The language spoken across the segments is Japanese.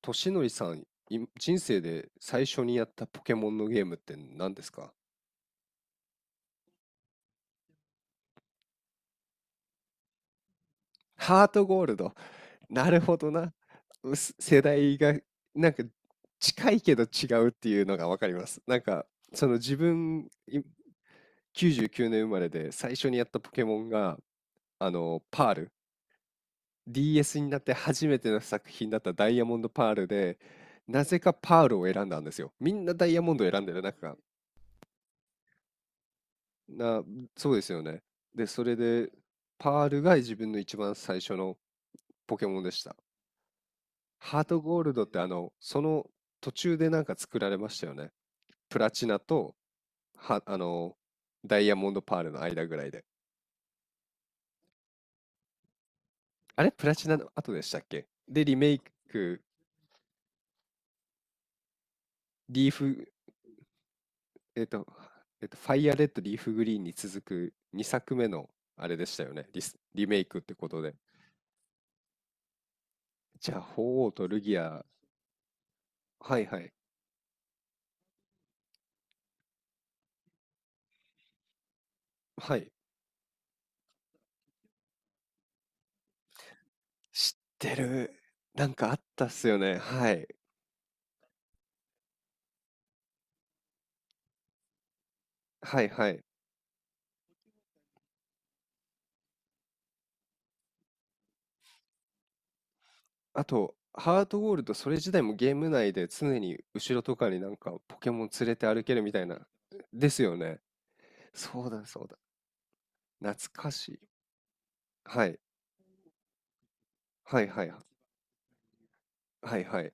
としのりさん、人生で最初にやったポケモンのゲームって何ですか？ハートゴールド。なるほどな。うす世代がなんか近いけど違うっていうのがわかります。なんかその自分99年生まれで最初にやったポケモンがあのパール。DS になって初めての作品だったダイヤモンドパールで、なぜかパールを選んだんですよ。みんなダイヤモンドを選んでる中、な、そうですよね。で、それで、パールが自分の一番最初のポケモンでした。ハートゴールドってその途中でなんか作られましたよね。プラチナと、は、あの、ダイヤモンドパールの間ぐらいで。あれプラチナの後でしたっけ。で、リメイク、リーフ、えっと、ファイアレッド、リーフグリーンに続く2作目のあれでしたよね。リメイクってことで。じゃあ、鳳凰とルギア、はいはい、はい。知ってる。なんかあったっすよね。はい。はいはい。あと、ハートゴールド、それ自体もゲーム内で常に後ろとかになんかポケモン連れて歩けるみたいな。ですよね。そうだそうだ。懐かしい。はい。はいはいは。はいはい。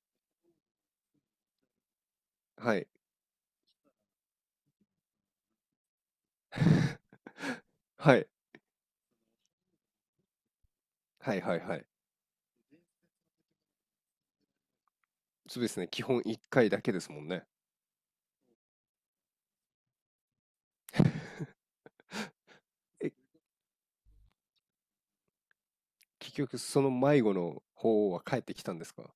はい。はいはいはいはい。そうですね。基本1回だけですもんね。え、結局その迷子の方は帰ってきたんですか？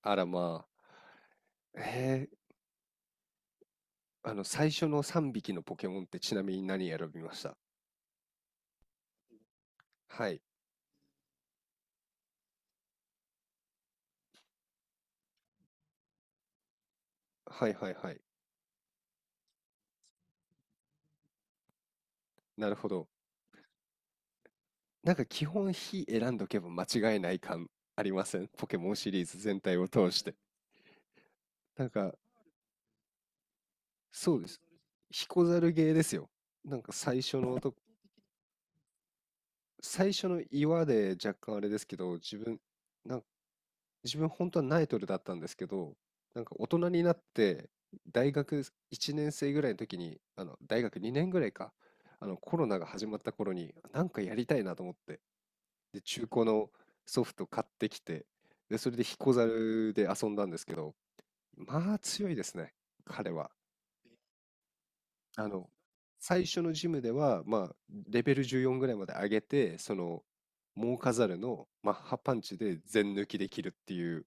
あらまあ。へえ最初の3匹のポケモンってちなみに何選びました？はい。はいはいはい。なるほど。なんか基本非選んどけば間違いない感ありません？ポケモンシリーズ全体を通して。なんか、そうです。彦猿ゲーですよ。なんか最初の岩で若干あれですけど、自分、なん自分本当はナイトルだったんですけど、なんか大人になって大学1年生ぐらいの時に、あの大学2年ぐらいか、あのコロナが始まった頃になんかやりたいなと思って、で中古のソフト買ってきて、でそれで彦猿で遊んだんですけど、まあ強いですね、彼は。あの最初のジムでは、まあ、レベル14ぐらいまで上げて、モーカザルのマッハパンチで全抜きできるっていう。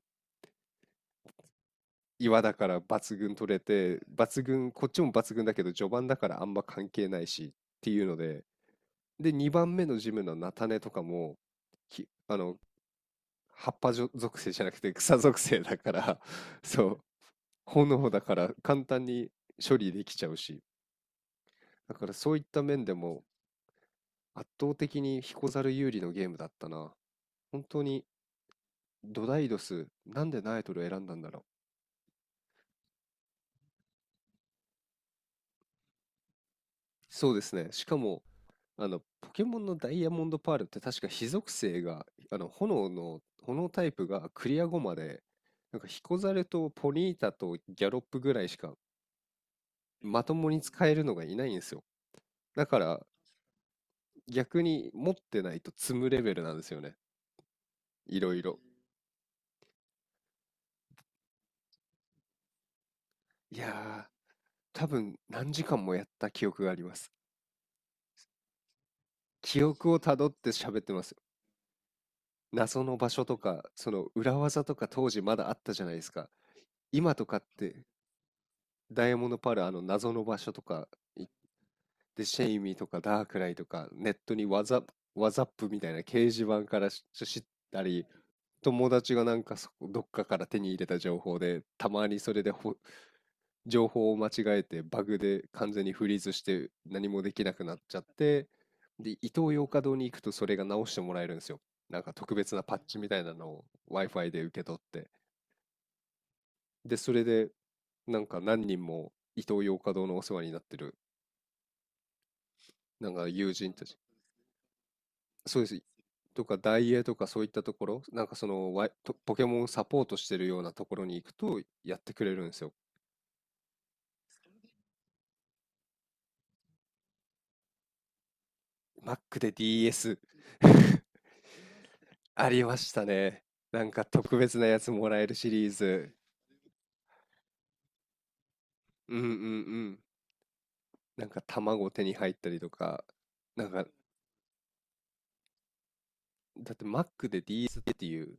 岩だから抜群取れて、抜群、こっちも抜群だけど、序盤だからあんま関係ないしっていうので、で、2番目のジムの菜種とかも、きあの、葉っぱじょ属性じゃなくて草属性だから、そう、炎だから簡単に処理できちゃうし、だからそういった面でも圧倒的にヒコザル有利のゲームだったな。本当にドダイドス、なんでナエトル選んだんだろう。そうですね。しかも、ポケモンのダイヤモンドパールって確か火属性が、炎タイプがクリア後まで、なんかヒコザルとポニータとギャロップぐらいしかまともに使えるのがいないんですよ。だから逆に持ってないと積むレベルなんですよね。いろいろ。いやー、多分何時間もやった記憶があります。記憶をたどって喋ってます。謎の場所とか、その裏技とか当時まだあったじゃないですか。今とかってダイヤモンドパール、謎の場所とか行って、シェイミーとかダークライとか、ネットにワザップみたいな掲示板からし知ったり、友達がなんかそこどっかから手に入れた情報で、たまにそれで情報を間違えて、バグで完全にフリーズして何もできなくなっちゃって、で、イトーヨーカドーに行くとそれが直してもらえるんですよ。なんか特別なパッチみたいなのを Wi-Fi で受け取って。で、それで、なんか何人もイトーヨーカドーのお世話になってるなんか友人たち。そうです。とか、ダイエーとかそういったところ、なんかそのワイ、とポケモンサポートしてるようなところに行くとやってくれるんですよ。Mac で DS。 ありましたね。なんか特別なやつもらえるシリーズ。うんうんうん。なんか卵手に入ったりとか、なんか、だって Mac で DS っていう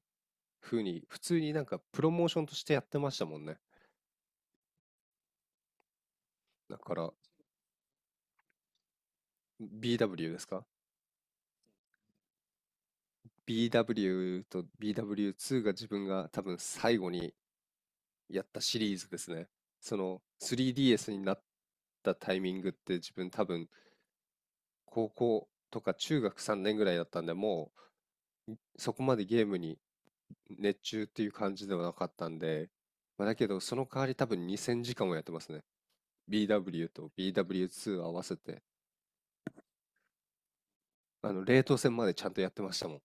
風に、普通になんかプロモーションとしてやってましたもんね。だから、BW ですか？ BW と BW2 が自分が多分最後にやったシリーズですね。その 3DS になったタイミングって自分多分高校とか中学3年ぐらいだったんで、もうそこまでゲームに熱中っていう感じではなかったんで、まあ、だけどその代わり多分2000時間もやってますね。BW と BW2 合わせて、冷凍戦までちゃんとやってましたもん。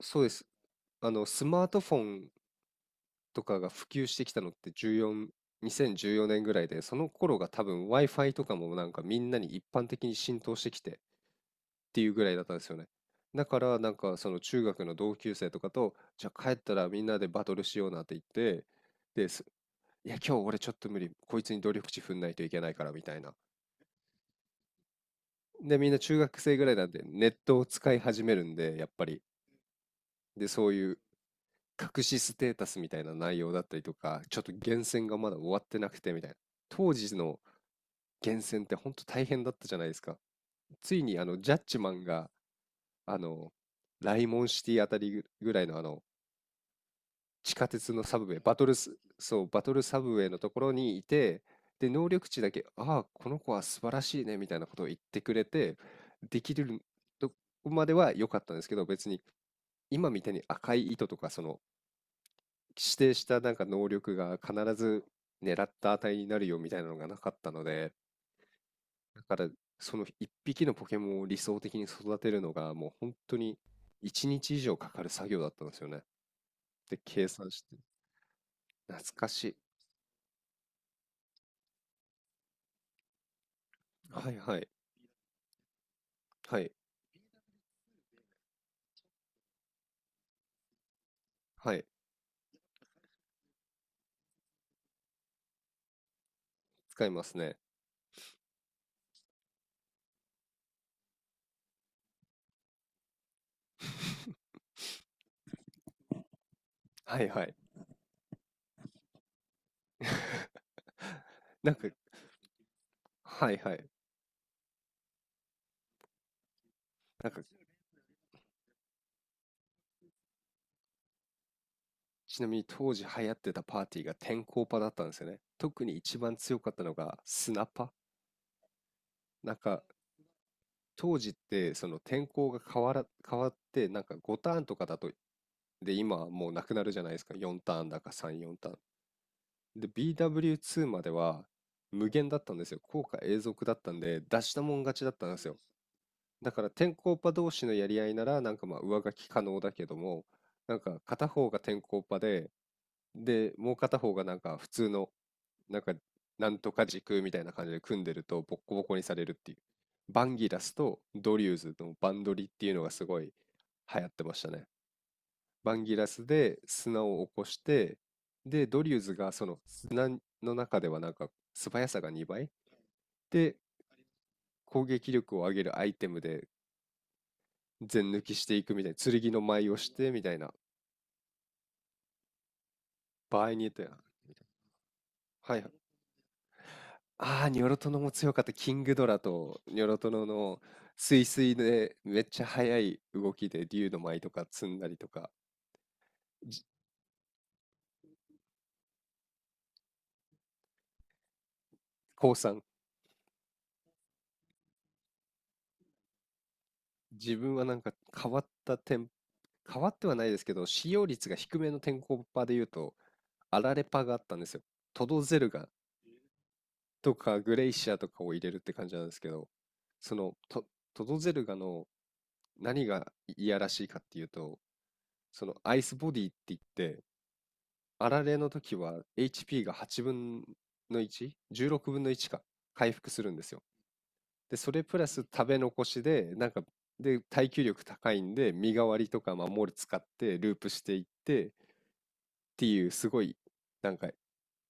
そうです。スマートフォンとかが普及してきたのって14、2014年ぐらいで、その頃が多分 Wi-Fi とかもなんかみんなに一般的に浸透してきてっていうぐらいだったんですよね。だからなんかその中学の同級生とかと、じゃあ帰ったらみんなでバトルしようなって言って、です。いや、今日俺ちょっと無理。こいつに努力値踏んないといけないからみたいな。で、みんな中学生ぐらいなんでネットを使い始めるんで、やっぱり。で、そういう隠しステータスみたいな内容だったりとか、ちょっと厳選がまだ終わってなくてみたいな。当時の厳選って本当大変だったじゃないですか。ついにあのジャッジマンがあのライモンシティあたりぐらいのあの地下鉄のサブウェイ、バトルス、そう、バトルサブウェイのところにいて、で、能力値だけ、ああ、この子は素晴らしいね、みたいなことを言ってくれて、できるとこまでは良かったんですけど、別に今みたいに赤い糸とか、その指定したなんか能力が必ず狙った値になるよみたいなのがなかったので、だから、その一匹のポケモンを理想的に育てるのが、もう本当に一日以上かかる作業だったんですよね。で、計算して。懐かしい。はいはい。はい。はい。使いますね。はいはい。なんか、はいはい。なんか、ちなみに当時流行ってたパーティーが天候パだったんですよね。特に一番強かったのがスナパ。なんか、当時ってその天候が変わってなんか5ターンとかだと。で今はもうなくなるじゃないですか。4ターンだか34ターン。で BW2 までは無限だったんですよ。効果永続だったんで出したもん勝ちだったんですよ。だから天候パ同士のやり合いならなんかまあ上書き可能だけども、なんか片方が天候パで、でもう片方がなんか普通のなんか、なんとか軸みたいな感じで組んでると、ボッコボコにされるっていう。バンギラスとドリューズのバンドリっていうのがすごい流行ってましたね。バンギラスで砂を起こして、で、ドリューズがその砂の中では素早さが2倍で、攻撃力を上げるアイテムで全抜きしていくみたいな、剣の舞をしてみたいな、場合によっては。はい。ああ、ニョロトノも強かった。キングドラとニョロトノのスイスイでめっちゃ速い動きで竜の舞とか積んだりとか。じ降参。自分は変わった点、変わってはないですけど、使用率が低めの天候パで言うと、アラレパがあったんですよ。トドゼルガとかグレイシアとかを入れるって感じなんですけど、そのトドゼルガの何がいいやらしいかっていうと、そのアイスボディって言って、あられの時は HP が8分の 1？ 16分の1か。回復するんですよ。で、それプラス食べ残しで、で、耐久力高いんで、身代わりとか守り使ってループしていってっていう、すごい、なんか、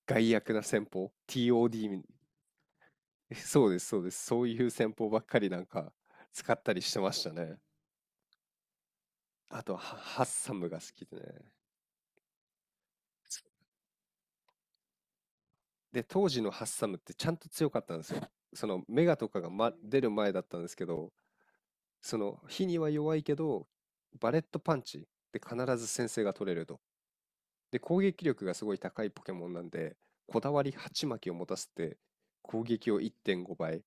害悪な戦法、 TOD。 そうです、そうです。そういう戦法ばっかり使ったりしてましたね。あとは、ハッサムが好きでね。で、当時のハッサムってちゃんと強かったんですよ。そのメガとかが、出る前だったんですけど、その火には弱いけどバレットパンチで必ず先制が取れると。で攻撃力がすごい高いポケモンなんで、こだわり鉢巻きを持たせて攻撃を1.5倍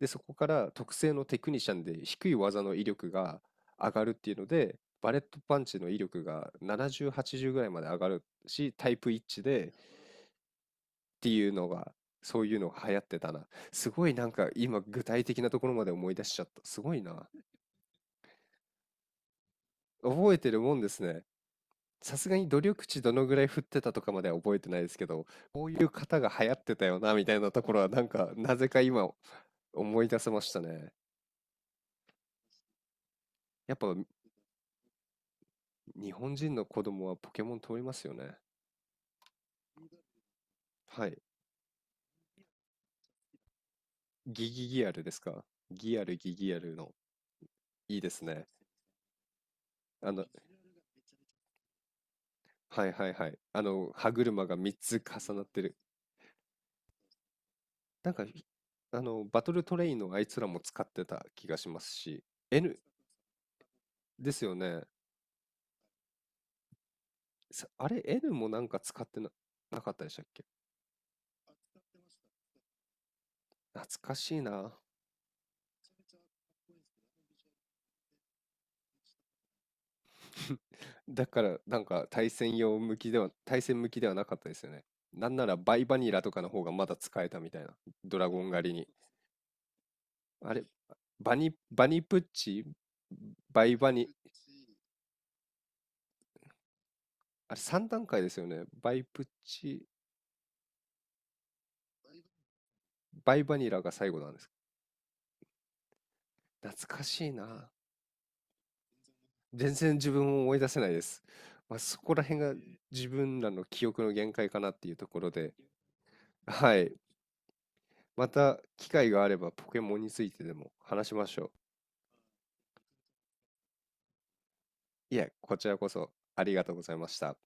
で、そこから特性のテクニシャンで低い技の威力が上がるっていうので、バレットパンチの威力が70、80ぐらいまで上がるしタイプ一致でっていうのがそういうのが流行ってたな。すごい今具体的なところまで思い出しちゃった。すごいな。覚えてるもんですね。さすがに努力値どのぐらい振ってたとかまでは覚えてないですけど、こういう方が流行ってたよなみたいなところはなぜか今思い出せましたね。やっぱ日本人の子供はポケモン通りますよね。はい。ギギギアルですか？ギアルギギアルの。いいですね。あの、はいはいはい。歯車が3つ重なってる。なんか、ひあの、バトルトレインのあいつらも使ってた気がしますし、N ですよね。あれ、N も使ってなかったでしたっけ？懐かしいな。だから対戦向きではなかったですよね。なんならバイバニラとかの方がまだ使えたみたいな。ドラゴン狩りに。あれ、バニプッチ、バイバニ、あれ、3段階ですよね。バイプッチ、バイバニラが最後なんです。懐かしいな。全然自分を思い出せないです。まあ、そこら辺が自分らの記憶の限界かなっていうところで、はい。また機会があればポケモンについてでも話しましょう。いえ、こちらこそありがとうございました。